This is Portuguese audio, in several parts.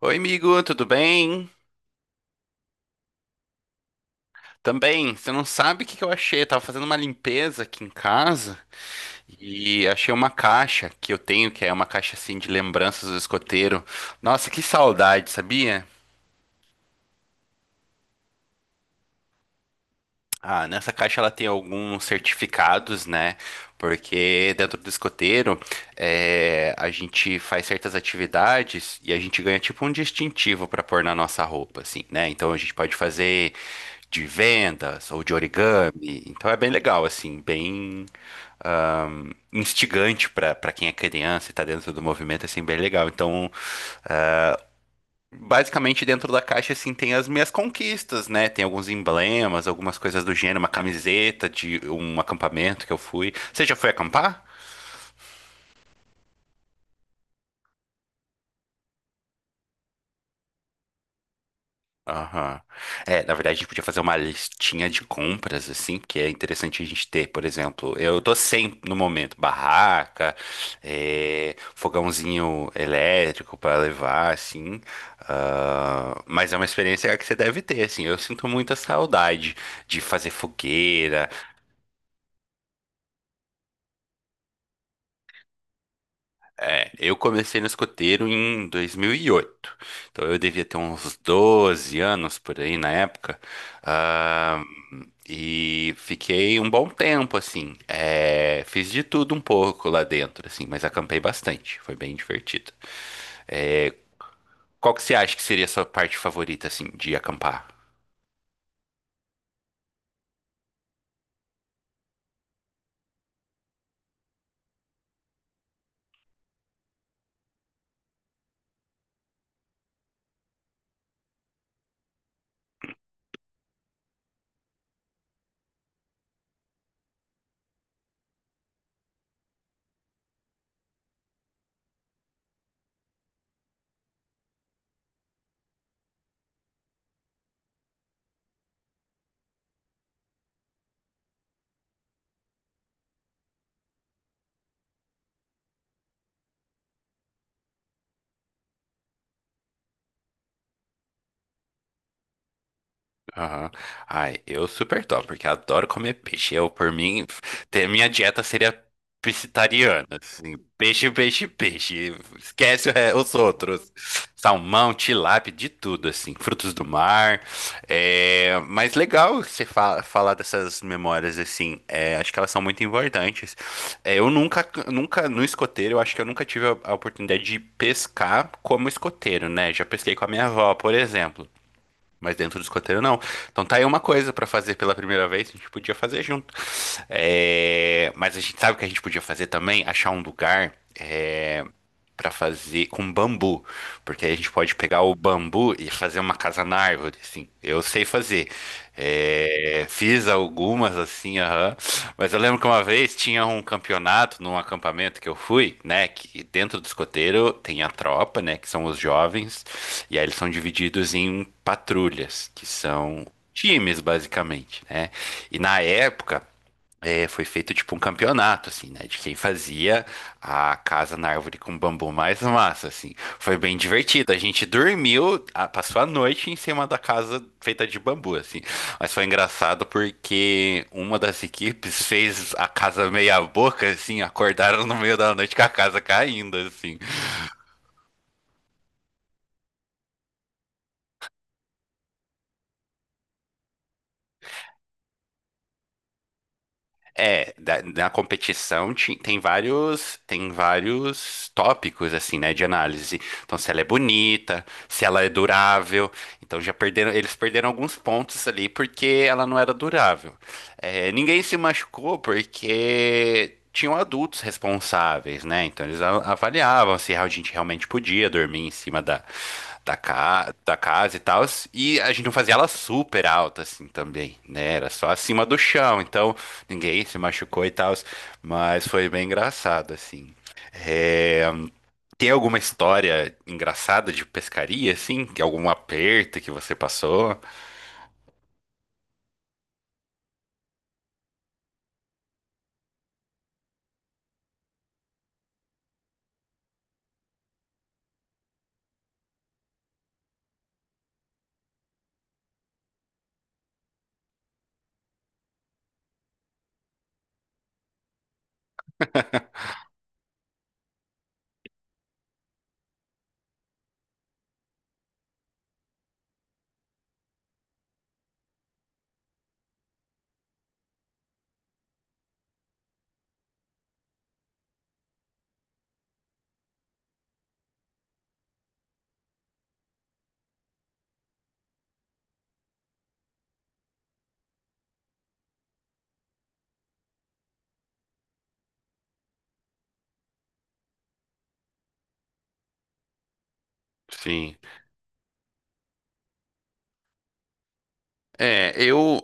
Oi, amigo, tudo bem? Também, você não sabe o que que eu achei? Eu tava fazendo uma limpeza aqui em casa e achei uma caixa que eu tenho, que é uma caixa assim de lembranças do escoteiro. Nossa, que saudade, sabia? Ah, nessa caixa ela tem alguns certificados, né? Porque dentro do escoteiro a gente faz certas atividades e a gente ganha tipo um distintivo para pôr na nossa roupa, assim, né? Então a gente pode fazer de vendas ou de origami. Então é bem legal, assim, bem instigante para quem é criança e tá dentro do movimento, assim, bem legal. Então, basicamente dentro da caixa, assim, tem as minhas conquistas, né? Tem alguns emblemas, algumas coisas do gênero, uma camiseta de um acampamento que eu fui. Você já foi acampar? Aham. É, na verdade, a gente podia fazer uma listinha de compras, assim, que é interessante a gente ter. Por exemplo, eu tô sem, no momento, barraca, é, fogãozinho elétrico para levar, assim. Ah, mas é uma experiência que você deve ter, assim. Eu sinto muita saudade de fazer fogueira. É, eu comecei no escoteiro em 2008, então eu devia ter uns 12 anos por aí na época. Ah, e fiquei um bom tempo, assim. É, fiz de tudo um pouco lá dentro, assim, mas acampei bastante, foi bem divertido. É, qual que você acha que seria a sua parte favorita, assim, de acampar? Aham. Ai, eu super top, porque adoro comer peixe. Eu, por mim, ter minha dieta seria pescetariana, assim, peixe, peixe, peixe. Esquece o os outros. Salmão, tilápia, de tudo, assim, frutos do mar. É, mas legal você fa falar dessas memórias, assim, é, acho que elas são muito importantes. É, eu nunca, nunca, no escoteiro, eu acho que eu nunca tive a oportunidade de pescar como escoteiro, né? Já pesquei com a minha avó, por exemplo. Mas dentro do escoteiro, não. Então tá aí uma coisa pra fazer pela primeira vez, a gente podia fazer junto. É, mas a gente sabe o que a gente podia fazer também? Achar um lugar pra fazer com bambu, porque aí a gente pode pegar o bambu e fazer uma casa na árvore, assim. Eu sei fazer. É, fiz algumas assim, aham. Mas eu lembro que uma vez tinha um campeonato num acampamento que eu fui, né? Que dentro do escoteiro tem a tropa, né? Que são os jovens, e aí eles são divididos em patrulhas, que são times, basicamente, né? E na época, é, foi feito tipo um campeonato, assim, né? De quem fazia a casa na árvore com bambu mais massa, assim. Foi bem divertido. A gente dormiu, passou a noite em cima da casa feita de bambu, assim. Mas foi engraçado porque uma das equipes fez a casa meia boca, assim, acordaram no meio da noite com a casa caindo, assim. É, na competição tem vários tópicos assim, né, de análise. Então, se ela é bonita, se ela é durável. Então, já perderam, eles perderam alguns pontos ali porque ela não era durável. É, ninguém se machucou porque tinham adultos responsáveis, né? Então, eles avaliavam se a gente realmente podia dormir em cima da casa e tal. E a gente não fazia ela super alta assim também, né? Era só acima do chão. Então ninguém se machucou e tal, mas foi bem engraçado, assim. É, tem alguma história engraçada de pescaria, assim? Tem algum aperto que você passou? Sim. É, eu,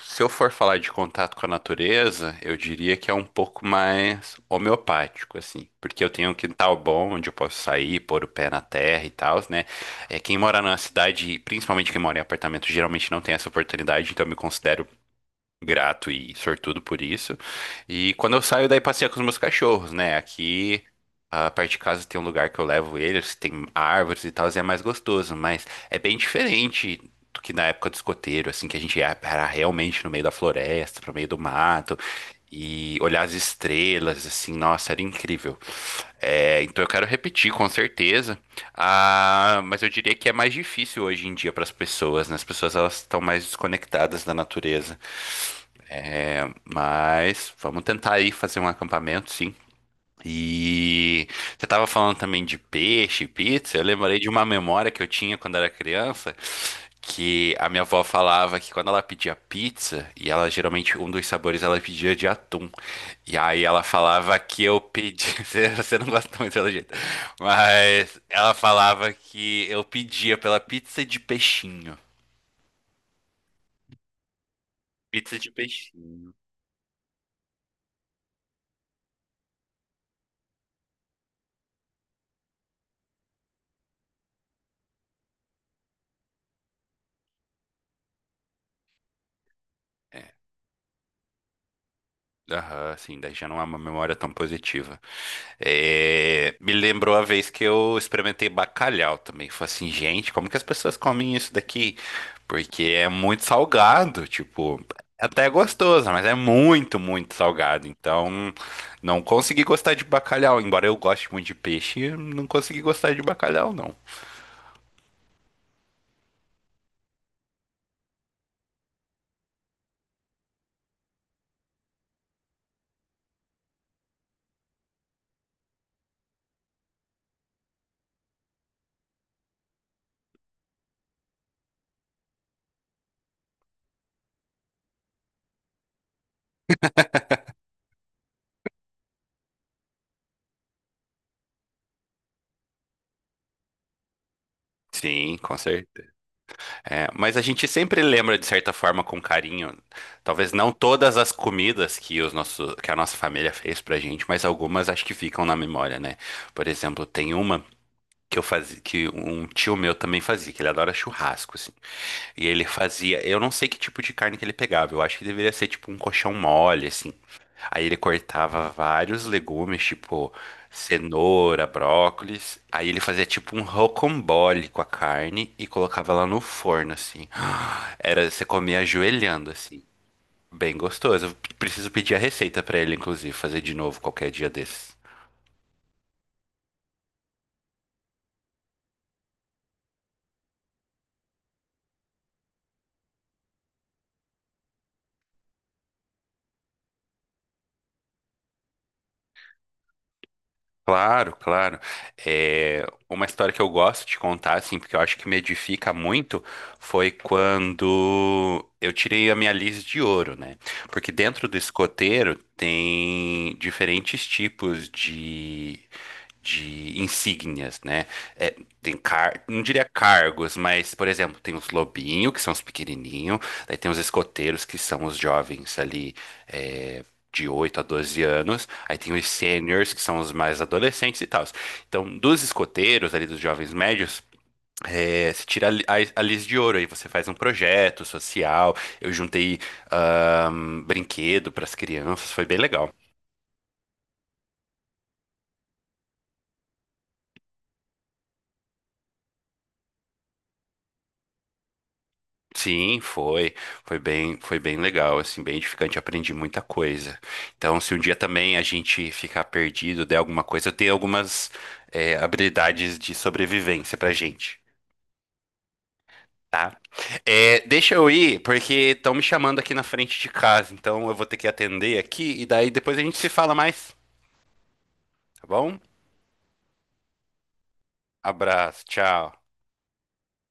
se eu for falar de contato com a natureza, eu diria que é um pouco mais homeopático, assim, porque eu tenho um quintal bom onde eu posso sair, pôr o pé na terra e tal, né? É, quem mora na cidade, principalmente quem mora em apartamento, geralmente não tem essa oportunidade, então eu me considero grato e sortudo por isso. E quando eu saio daí passeio com os meus cachorros, né? Aqui a parte de casa tem um lugar que eu levo eles, tem árvores e tal, e é mais gostoso, mas é bem diferente do que na época do escoteiro, assim, que era realmente no meio da floresta, pro meio do mato. E olhar as estrelas, assim, nossa, era incrível. É, então eu quero repetir, com certeza. Ah, mas eu diria que é mais difícil hoje em dia para as pessoas, né? As pessoas elas estão mais desconectadas da natureza. É, mas vamos tentar aí fazer um acampamento, sim. E você estava falando também de peixe, pizza. Eu lembrei de uma memória que eu tinha quando era criança, que a minha avó falava que quando ela pedia pizza, e ela geralmente um dos sabores ela pedia de atum. E aí ela falava que eu pedi, você não gosta muito pelo jeito, mas ela falava que eu pedia pela pizza de peixinho. Pizza de peixinho. Aham, sim, daí já não é uma memória tão positiva. É, me lembrou a vez que eu experimentei bacalhau também. Falei assim, gente, como que as pessoas comem isso daqui? Porque é muito salgado, tipo, até é gostoso, mas é muito, muito salgado. Então, não consegui gostar de bacalhau. Embora eu goste muito de peixe, não consegui gostar de bacalhau, não. Sim, com certeza. É, mas a gente sempre lembra de certa forma com carinho. Talvez não todas as comidas que que a nossa família fez pra gente, mas algumas acho que ficam na memória, né? Por exemplo, tem uma que eu fazia, que um tio meu também fazia, que ele adora churrasco, assim. E ele fazia, eu não sei que tipo de carne que ele pegava, eu acho que deveria ser tipo um colchão mole, assim. Aí ele cortava vários legumes, tipo cenoura, brócolis. Aí ele fazia tipo um rocambole com a carne e colocava lá no forno, assim. Era, você comia ajoelhando, assim. Bem gostoso. Eu preciso pedir a receita pra ele, inclusive, fazer de novo qualquer dia desses. Claro, claro. É, uma história que eu gosto de contar, assim, porque eu acho que me edifica muito, foi quando eu tirei a minha lis de ouro, né? Porque dentro do escoteiro tem diferentes tipos de insígnias, né? É, tem não diria cargos, mas, por exemplo, tem os lobinhos, que são os pequenininhos, daí tem os escoteiros, que são os jovens ali, é, de 8 a 12 anos, aí tem os seniors, que são os mais adolescentes e tal. Então, dos escoteiros, ali dos jovens médios, é, se tira a lis de ouro, aí você faz um projeto social. Eu juntei brinquedo para as crianças, foi bem legal. Sim, foi, foi bem legal, assim, bem edificante, aprendi muita coisa. Então, se um dia também a gente ficar perdido, der alguma coisa, eu tenho algumas, é, habilidades de sobrevivência pra gente. Tá. É, deixa eu ir, porque estão me chamando aqui na frente de casa, então eu vou ter que atender aqui e daí depois a gente se fala mais, tá bom? Abraço, tchau.